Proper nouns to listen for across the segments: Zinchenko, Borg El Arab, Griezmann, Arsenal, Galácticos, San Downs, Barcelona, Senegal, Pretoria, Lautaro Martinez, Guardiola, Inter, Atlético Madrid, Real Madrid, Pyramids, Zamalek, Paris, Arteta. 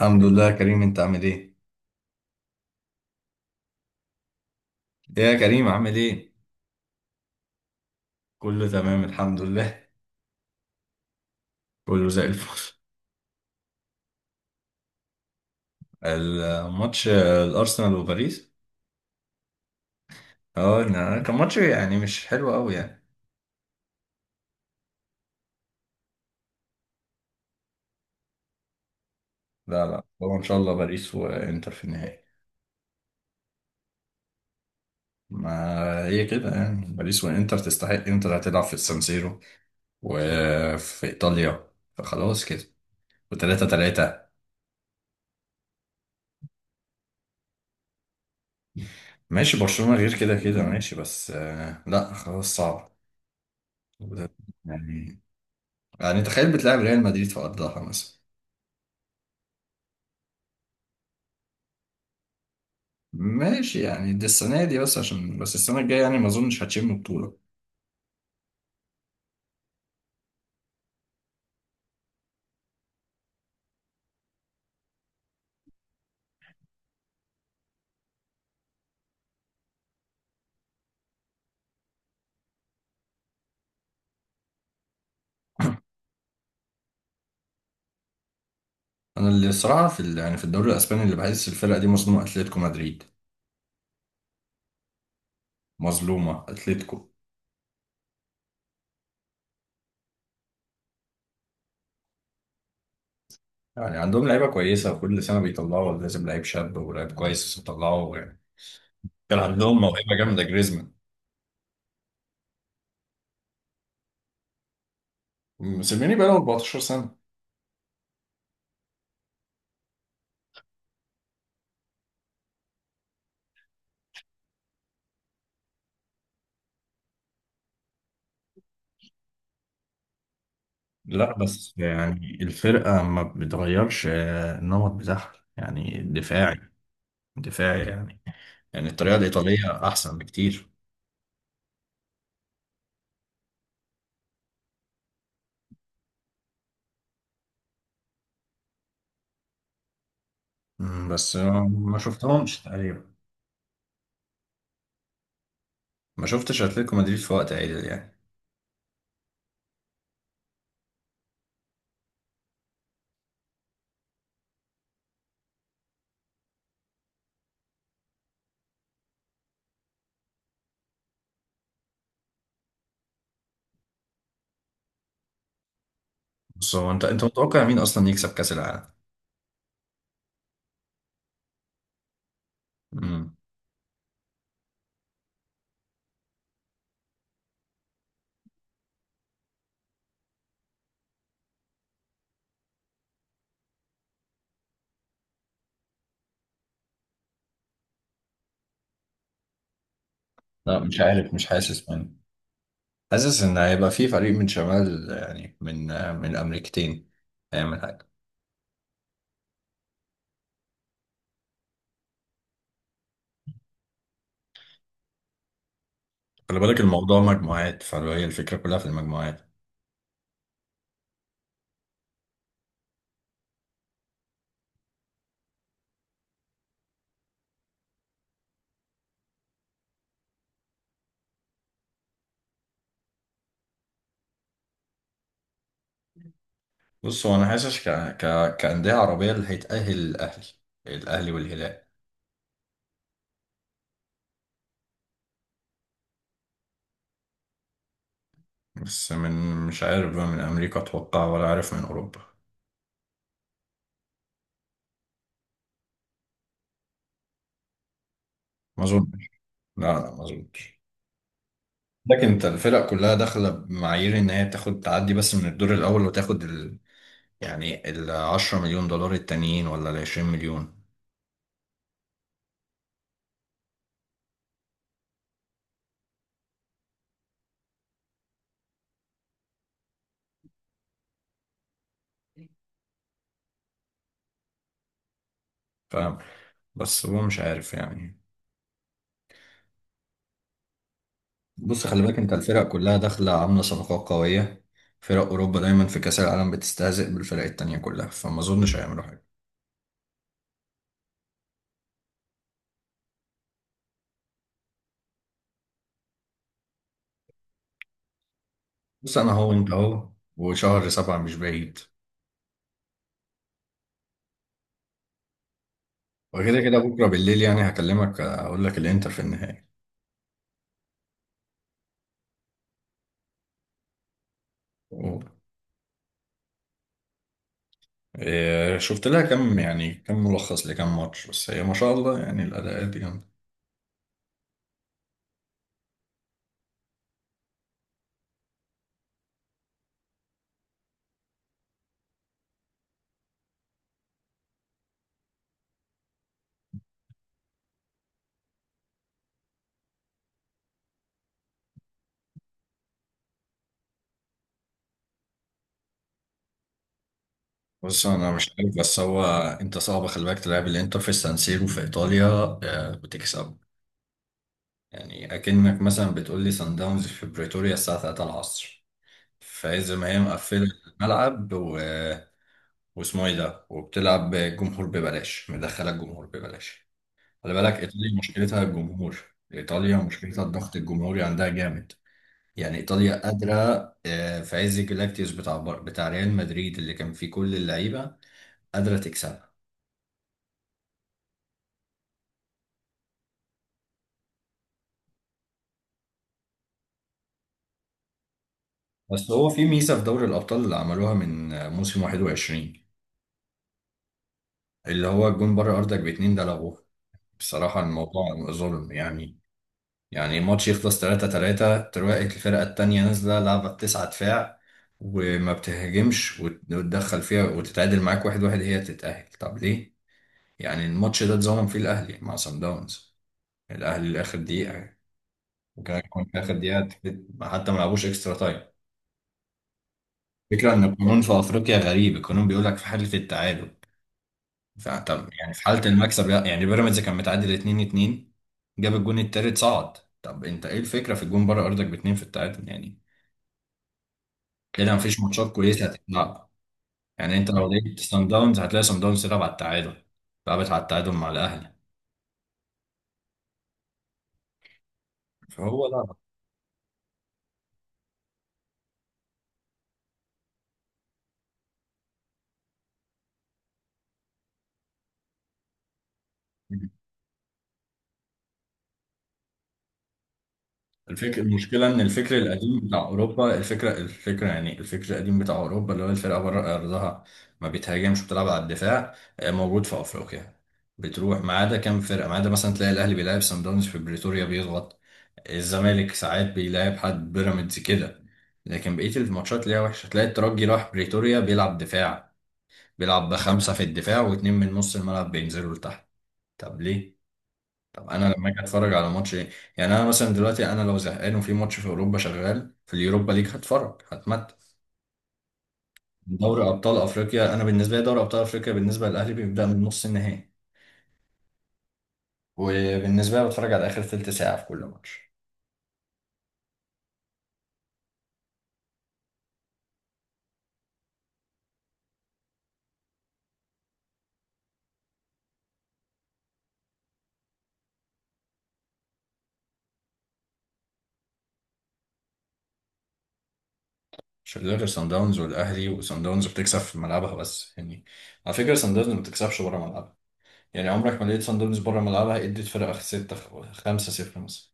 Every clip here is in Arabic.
الحمد لله يا كريم، انت عامل ايه؟ ايه يا كريم، عامل ايه؟ كله تمام الحمد لله. كله زي الفل. الماتش الارسنال وباريس. اه لا، كان ماتش يعني مش حلو قوي يعني. لا لا، هو ان شاء الله باريس وانتر في النهائي. ما هي كده يعني، باريس وانتر تستحق. انتر هتلعب في السانسيرو وفي ايطاليا، فخلاص كده. وتلاتة تلاتة. ماشي، برشلونة غير كده كده. ماشي بس لا خلاص صعب يعني يعني تخيل بتلعب ريال مدريد في أرضها مثلا. ماشي يعني، دي السنة دي، بس عشان بس السنة الجاية يعني ما أظنش هتشم بطولة. أنا اللي الصراحة في يعني في الدوري الأسباني، اللي بحس الفرقة دي مظلومة أتلتيكو مدريد. مظلومة أتلتيكو. يعني عندهم لعيبة كويسة، وكل سنة بيطلعوا، لازم لعيب شاب ولعيب كويس يطلعوا يعني. كان عندهم موهبة جامدة، جريزمان. مسلميني بقاله 14 سنة. لا بس يعني الفرقة ما بتغيرش النمط بتاعها يعني دفاعي. دفاعي يعني. يعني الطريقة الإيطالية أحسن بكتير. بس ما شفتهمش تقريبا. ما شفتش أتلتيكو مدريد في وقت عادل يعني. بص هو، أنت متوقع مين أصلا يكسب كأس العالم؟ مم. لا، مش عارف، مش حاسس من حاسس إن هيبقى في فريق من شمال، يعني من أمريكتين، هيعمل حاجة. خلي بالك الموضوع مجموعات، فهي الفكرة كلها في المجموعات. بص هو أنا حاسس كأندية عربية، اللي هيتأهل الأهلي. الأهلي والهلال. بس مش عارف بقى، من أمريكا أتوقع ولا عارف من أوروبا. ما أظن. لا لا، مظبوط. لكن انت الفرق كلها داخله بمعايير ان هي تاخد تعدي بس من الدور الاول وتاخد يعني ال 10 مليون دولار التانيين ولا ال 20 مليون. فاهم. بس هو مش عارف يعني. بص خلي بالك، انت الفرق كلها داخله عامله صفقات قويه. فرق اوروبا دايما في كاس العالم بتستهزئ بالفرق التانيه كلها، فما اظنش هيعملوا حاجه. بس انا هو انت اهو. وشهر سبعه مش بعيد. وكده كده بكره بالليل يعني هكلمك اقول لك الانتر في النهائي. إيه، شفت لها كم يعني كم ملخص لكم ماتش، بس هي ما شاء الله يعني الاداءات دي جامده. بس انا مش عارف، بس هو انت صعب، خلي بالك تلعب الانتر في السان سيرو في ايطاليا. بتكسب. يعني اكنك مثلا بتقول لي سان داونز في بريتوريا الساعه 3 العصر. فاذا ما هي مقفله الملعب واسمه ايه ده، وبتلعب الجمهور ببلاش، مدخله الجمهور ببلاش. خلي بالك، ايطاليا مشكلتها الجمهور. ايطاليا مشكلتها الضغط الجمهوري عندها جامد. يعني ايطاليا قادره، في عز جلاكتيوس بتاع ريال مدريد اللي كان فيه كل اللعيبه، قادره تكسبها. بس هو في ميزه في دوري الابطال اللي عملوها من موسم 21، اللي هو الجون بره ارضك باتنين ده لغوه بصراحه. الموضوع ظلم يعني. يعني ماتش يخلص 3-3، تلاقي الفرقه التانيه نازله لعبه بتسعة دفاع، وما بتهاجمش وتدخل فيها وتتعادل معاك 1-1، هي تتأهل. طب ليه؟ يعني الماتش ده اتظلم فيه الأهلي مع سان داونز. الأهلي لآخر دقيقة، وكمان كمان في اخر دقيقه حتى ما لعبوش اكسترا تايم. الفكره ان القانون في افريقيا غريب. القانون بيقول لك في حاله التعادل فانت، يعني في حاله المكسب، لا، يعني بيراميدز كان متعادل 2-2، جاب الجون التالت صعد. طب انت ايه الفكره في الجون بره ارضك باتنين في التعادل يعني؟ كده مفيش ماتشات كويسه هتتلعب. يعني انت لو لقيت سان داونز، هتلاقي سان داونز تلعب على التعادل. لعبت على التعادل مع الاهلي. فهو لا. الفكرة المشكلة إن الفكر القديم بتاع أوروبا، الفكرة يعني الفكر القديم بتاع أوروبا اللي هو الفرقة بره أرضها ما بتهاجمش، بتلعب على الدفاع، موجود في أفريقيا. بتروح ما عدا كام فرقة، ما عدا مثلا تلاقي الأهلي بيلعب سان داونز في بريتوريا بيضغط، الزمالك ساعات بيلعب حد بيراميدز كده. لكن بقية الماتشات ليها وحشة، تلاقي الترجي راح بريتوريا بيلعب دفاع، بيلعب بخمسة في الدفاع واتنين من نص الملعب بينزلوا لتحت. طب ليه؟ طب انا لما اجي اتفرج على ماتش ايه؟ يعني انا مثلا دلوقتي، انا لو زهقان وفي ماتش في اوروبا شغال في اليوروبا ليج، هتفرج هتمتع. دوري ابطال افريقيا انا بالنسبه لي، دوري ابطال افريقيا بالنسبه للاهلي بيبدا من نص النهائي. وبالنسبه لي بتفرج على اخر ثلث ساعه في كل ماتش، عشان غير صن داونز والاهلي. وصن داونز بتكسب في ملعبها بس يعني. على فكره، صن داونز ما بتكسبش بره ملعبها. يعني عمرك ما لقيت صن داونز بره ملعبها ادت فرقه 6 5 0 مثلا.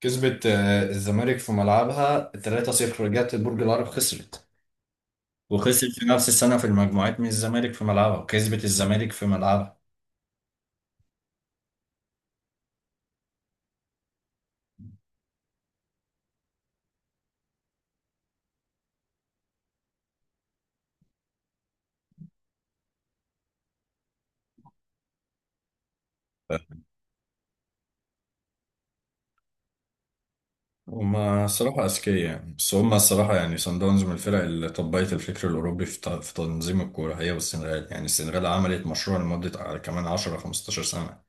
كسبت الزمالك في ملعبها 3-0، رجعت برج العرب خسرت. وخسر في نفس السنة في المجموعات من الزمالك في ملعبها، وكسبت الزمالك في ملعبها. هما الصراحة أذكياء يعني. بس هما الصراحة يعني صن داونز من الفرق اللي طبقت الفكر الأوروبي في في تنظيم الكورة، هي والسنغال. يعني السنغال عملت مشروع لمدة كمان 10 15 سنة،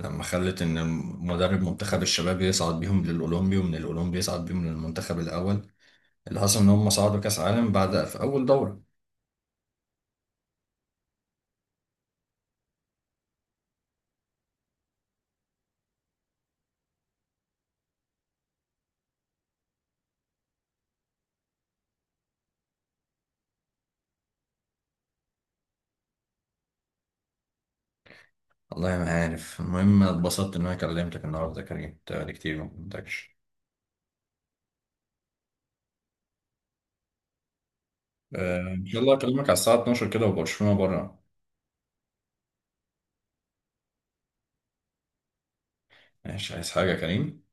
لما خلت إن مدرب منتخب الشباب يصعد بيهم للأولمبي، ومن الأولمبي يصعد بيهم للمنتخب الأول. اللي حصل إن هما صعدوا كأس عالم بعد في أول دورة. والله ما عارف. المهم اتبسطت إن أنا كلمتك النهاردة يا كريم، بقالي كتير ما كلمتكش. آه، ان شاء الله اكلمك على الساعه 12 كده وبرشلونه بره. ماشي، عايز حاجه يا كريم؟